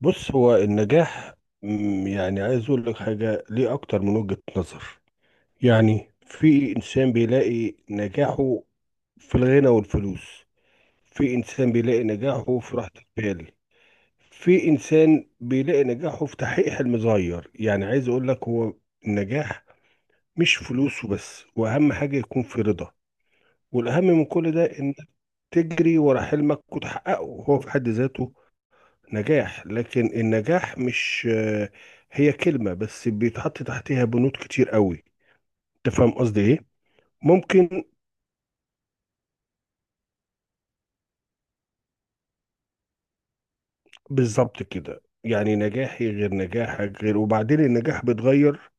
بص هو النجاح. يعني عايز اقول لك حاجه ليه اكتر من وجهه نظر. يعني في انسان بيلاقي نجاحه في الغنى والفلوس، في انسان بيلاقي نجاحه في راحه البال، في انسان بيلاقي نجاحه في تحقيق حلم صغير. يعني عايز اقول لك، هو النجاح مش فلوس وبس، واهم حاجه يكون في رضا، والاهم من كل ده ان تجري ورا حلمك وتحققه، هو في حد ذاته نجاح. لكن النجاح مش هي كلمة بس بيتحط تحتها بنود كتير قوي. انت فاهم قصدي ايه؟ ممكن. بالظبط كده، يعني نجاحي غير نجاحك غير، وبعدين النجاح بيتغير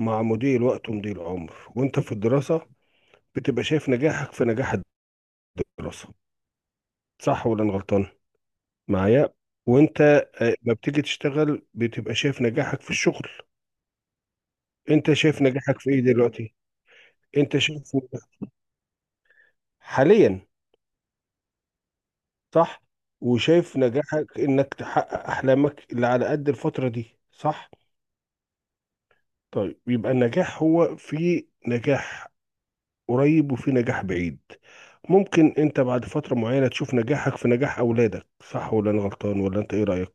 مع مضي الوقت ومضي العمر. وانت في الدراسة بتبقى شايف نجاحك في نجاح الدراسة، صح ولا انا غلطان؟ معايا. وانت ما بتيجي تشتغل بتبقى شايف نجاحك في الشغل. انت شايف نجاحك في ايه دلوقتي؟ انت شايف نجاح- حاليا. صح. وشايف نجاحك انك تحقق احلامك اللي على قد الفترة دي، صح. طيب يبقى النجاح هو في نجاح قريب وفي نجاح بعيد. ممكن انت بعد فترة معينة تشوف نجاحك في نجاح اولادك، صح ولا انا غلطان؟ ولا انت ايه رأيك؟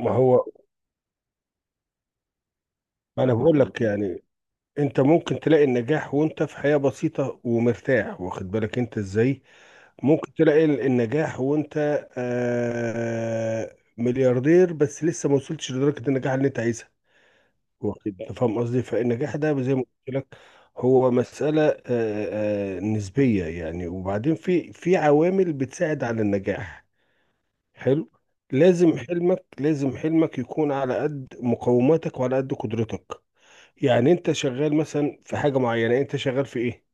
ما هو، ما انا بقول لك، يعني انت ممكن تلاقي النجاح وانت في حياة بسيطة ومرتاح، واخد بالك انت ازاي. ممكن تلاقي النجاح وانت ملياردير بس لسه ما وصلتش لدرجة النجاح اللي انت عايزها. واخد بالك. فاهم قصدي. فالنجاح ده زي ما قلت لك هو مسألة نسبية يعني. وبعدين في عوامل بتساعد على النجاح. حلو. لازم حلمك، لازم حلمك يكون على قد مقوماتك وعلى قد قدرتك. يعني انت شغال مثلا في حاجة معينة، انت شغال في ايه؟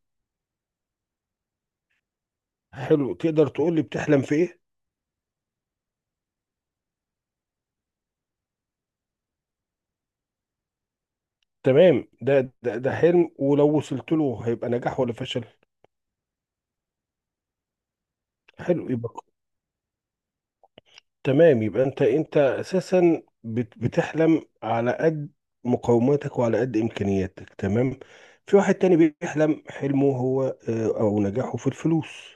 حلو، تقدر تقول لي بتحلم في ايه؟ تمام. ده حلم ولو وصلت له هيبقى نجاح ولا فشل؟ حلو، يبقى تمام. يبقى انت، اساسا بتحلم على قد مقوماتك وعلى قد امكانياتك، تمام. في واحد تاني بيحلم حلمه هو او نجاحه في الفلوس،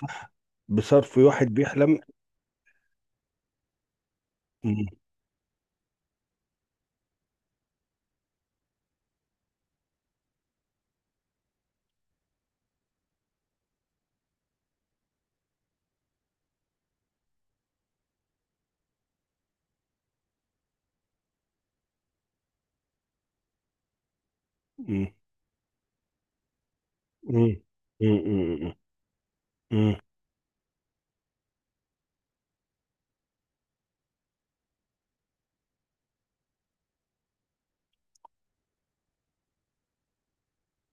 صح. بصرف، واحد بيحلم. مم، مم، مم، مم، مم، مم.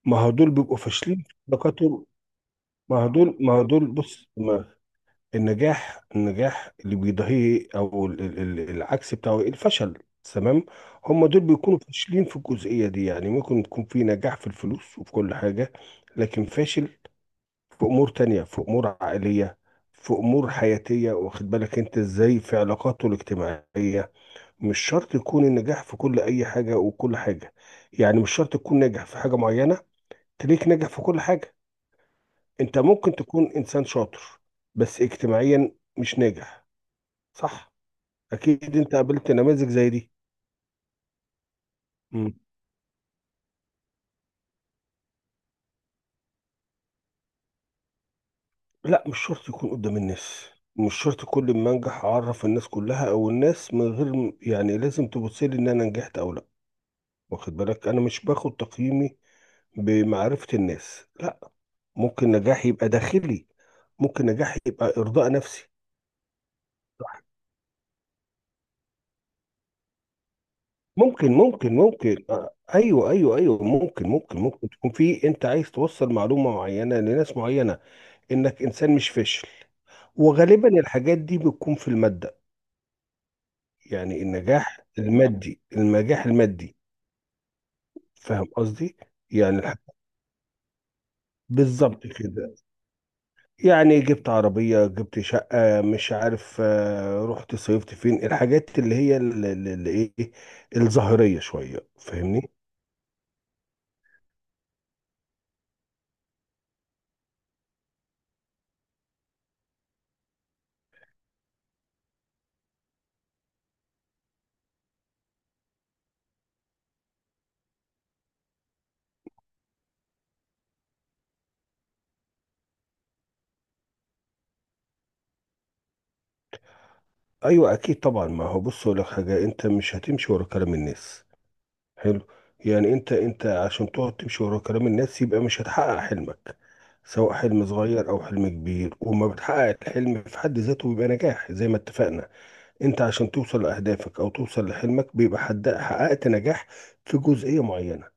ما هو دول بيبقوا فاشلين في علاقاتهم. ما هو دول، بص، ما النجاح اللي بيضاهيه، او العكس بتاعه، الفشل، تمام. هم دول بيكونوا فاشلين في الجزئية دي. يعني ممكن تكون في نجاح في الفلوس وفي كل حاجة، لكن فاشل في امور تانية، في امور عائلية، في امور حياتية، واخد بالك انت ازاي، في علاقاته الاجتماعية. مش شرط يكون النجاح في كل اي حاجة وكل حاجة. يعني مش شرط تكون ناجح في حاجة معينة تليك ناجح في كل حاجة. انت ممكن تكون انسان شاطر بس اجتماعيا مش ناجح. صح. اكيد انت قابلت نماذج زي دي. مم. لا، مش شرط يكون قدام الناس. مش شرط كل ما انجح اعرف الناس كلها، او الناس من غير يعني لازم تبص لي ان انا نجحت او لا. واخد بالك، انا مش باخد تقييمي بمعرفة الناس، لا. ممكن نجاحي يبقى داخلي، ممكن نجاحي يبقى ارضاء نفسي. صح. ممكن ايوه ايوه ايوه، ممكن تكون في، انت عايز توصل معلومة معينة لناس معينة، انك انسان مش فاشل. وغالبا الحاجات دي بتكون في المادة. يعني النجاح المادي، النجاح المادي. فاهم قصدي. يعني الح- بالظبط كده. يعني جبت عربية، جبت شقة، مش عارف، رحت صيفت فين، الحاجات اللي هي اللي ايه، الظاهرية شوية، فاهمني. ايوه، اكيد طبعا. ما هو، بص اقول لك حاجة، انت مش هتمشي ورا كلام الناس. حلو. يعني انت، عشان تقعد تمشي ورا كلام الناس يبقى مش هتحقق حلمك، سواء حلم صغير او حلم كبير. وما بتحقق الحلم في حد ذاته بيبقى نجاح، زي ما اتفقنا. انت عشان توصل لاهدافك او توصل لحلمك بيبقى حد حققت نجاح في جزئية معينة.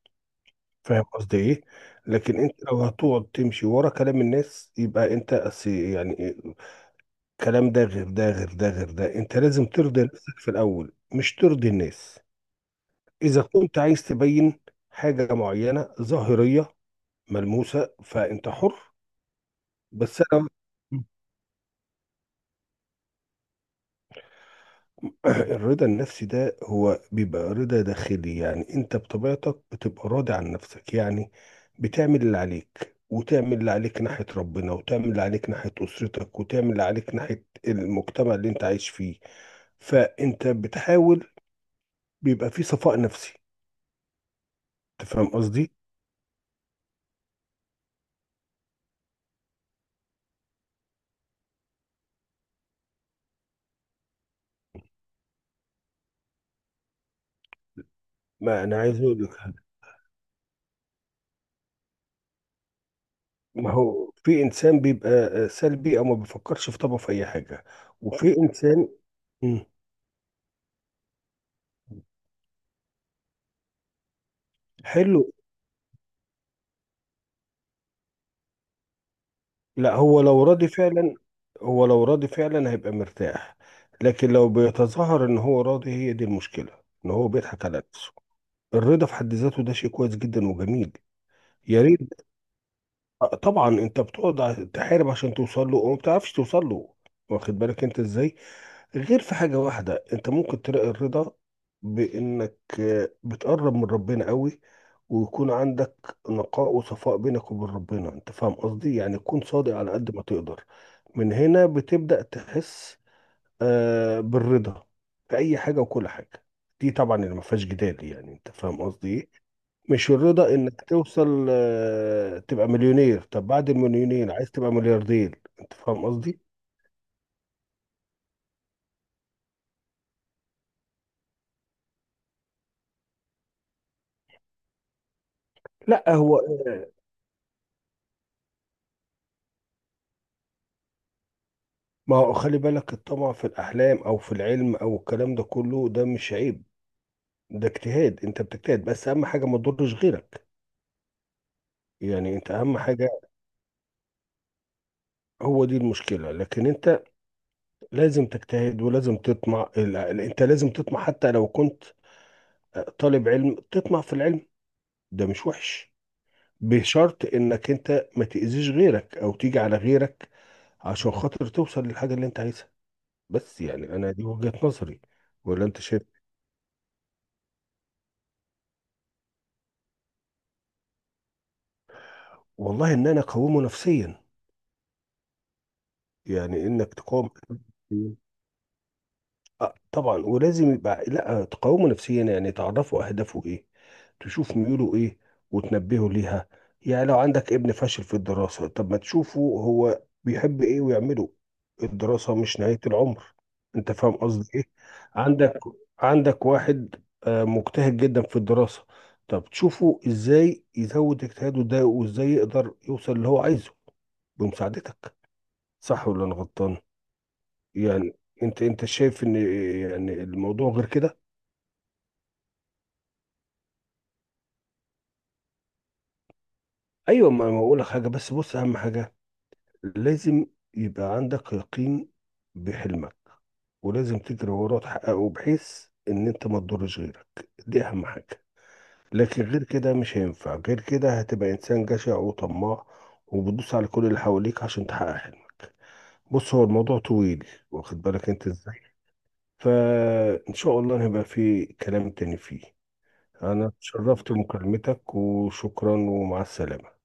فاهم قصدي ايه. لكن انت لو هتقعد تمشي ورا كلام الناس يبقى يعني كلام ده غير ده غير ده غير ده. انت لازم ترضي نفسك في الاول، مش ترضي الناس. إذا كنت عايز تبين حاجة معينة ظاهرية ملموسة، فأنت حر. بس أنا الرضا النفسي ده هو بيبقى رضا داخلي. يعني أنت بطبيعتك بتبقى راضي عن نفسك، يعني بتعمل اللي عليك، وتعمل اللي عليك ناحية ربنا، وتعمل اللي عليك ناحية أسرتك، وتعمل اللي عليك ناحية المجتمع اللي أنت عايش فيه، فأنت بتحاول. بيبقى في صفاء نفسي. أنت فاهم قصدي؟ ما أنا عايز أقول لك، ما هو في انسان بيبقى سلبي، او ما بيفكرش في طبعه في اي حاجه. وفي انسان، مم، حلو. لا، هو لو راضي فعلا هيبقى مرتاح. لكن لو بيتظاهر ان هو راضي، هي دي المشكله، ان هو بيضحك على نفسه. الرضا في حد ذاته ده شيء كويس جدا وجميل. يا ريت. طبعا. انت بتقعد تحارب عشان توصل له، وما بتعرفش توصل له، واخد بالك انت ازاي. غير في حاجة واحدة انت ممكن تلاقي الرضا، بانك بتقرب من ربنا قوي، ويكون عندك نقاء وصفاء بينك وبين ربنا، انت فاهم قصدي، يعني تكون صادق على قد ما تقدر. من هنا بتبدأ تحس بالرضا في اي حاجة وكل حاجة. دي طبعا اللي ما فيهاش جدال، يعني انت فاهم قصدي ايه. مش الرضا انك توصل تبقى مليونير، طب بعد المليونير عايز تبقى ملياردير، انت فاهم قصدي. لا، هو ما هو، خلي بالك، الطمع في الأحلام أو في العلم أو الكلام ده كله، ده مش عيب. ده اجتهاد، أنت بتجتهد، بس أهم حاجة ما تضرش غيرك. يعني أنت أهم حاجة، هو دي المشكلة. لكن أنت لازم تجتهد، ولازم تطمع أنت لازم تطمع حتى لو كنت طالب علم، تطمع في العلم. ده مش وحش. بشرط إنك أنت ما تأذيش غيرك أو تيجي على غيرك عشان خاطر توصل للحاجة اللي أنت عايزها. بس يعني أنا دي وجهة نظري. ولا أنت شايف؟ والله، إن أنا أقومه نفسيا، يعني انك تقاوم نفسياً. آه طبعا. ولازم يبقى، لا، تقاومه نفسيا، يعني تعرفوا اهدافه ايه، تشوف ميوله ايه وتنبهه ليها. يعني لو عندك ابن فاشل في الدراسة، طب ما تشوفه هو بيحب ايه ويعمله. الدراسة مش نهاية العمر. انت فاهم قصدي ايه. عندك عندك واحد مجتهد جدا في الدراسة، طب تشوفه ازاي يزود اجتهاده ده، وازاي يقدر يوصل اللي هو عايزه بمساعدتك. صح ولا انا غلطان؟ يعني انت، شايف ان يعني الموضوع غير كده. ايوه، ما اقول لك حاجه، بس بص، اهم حاجه لازم يبقى عندك يقين بحلمك، ولازم تجري وراه تحققه، بحيث ان انت ما تضرش غيرك، دي اهم حاجه. لكن غير كده مش هينفع، غير كده هتبقى انسان جشع وطماع، وبتدوس على كل اللي حواليك عشان تحقق حلمك. بص هو الموضوع طويل، واخد بالك انت ازاي. فان شاء الله هيبقى في كلام تاني فيه. أنا تشرفت بمكالمتك، وشكرا ومع السلامة.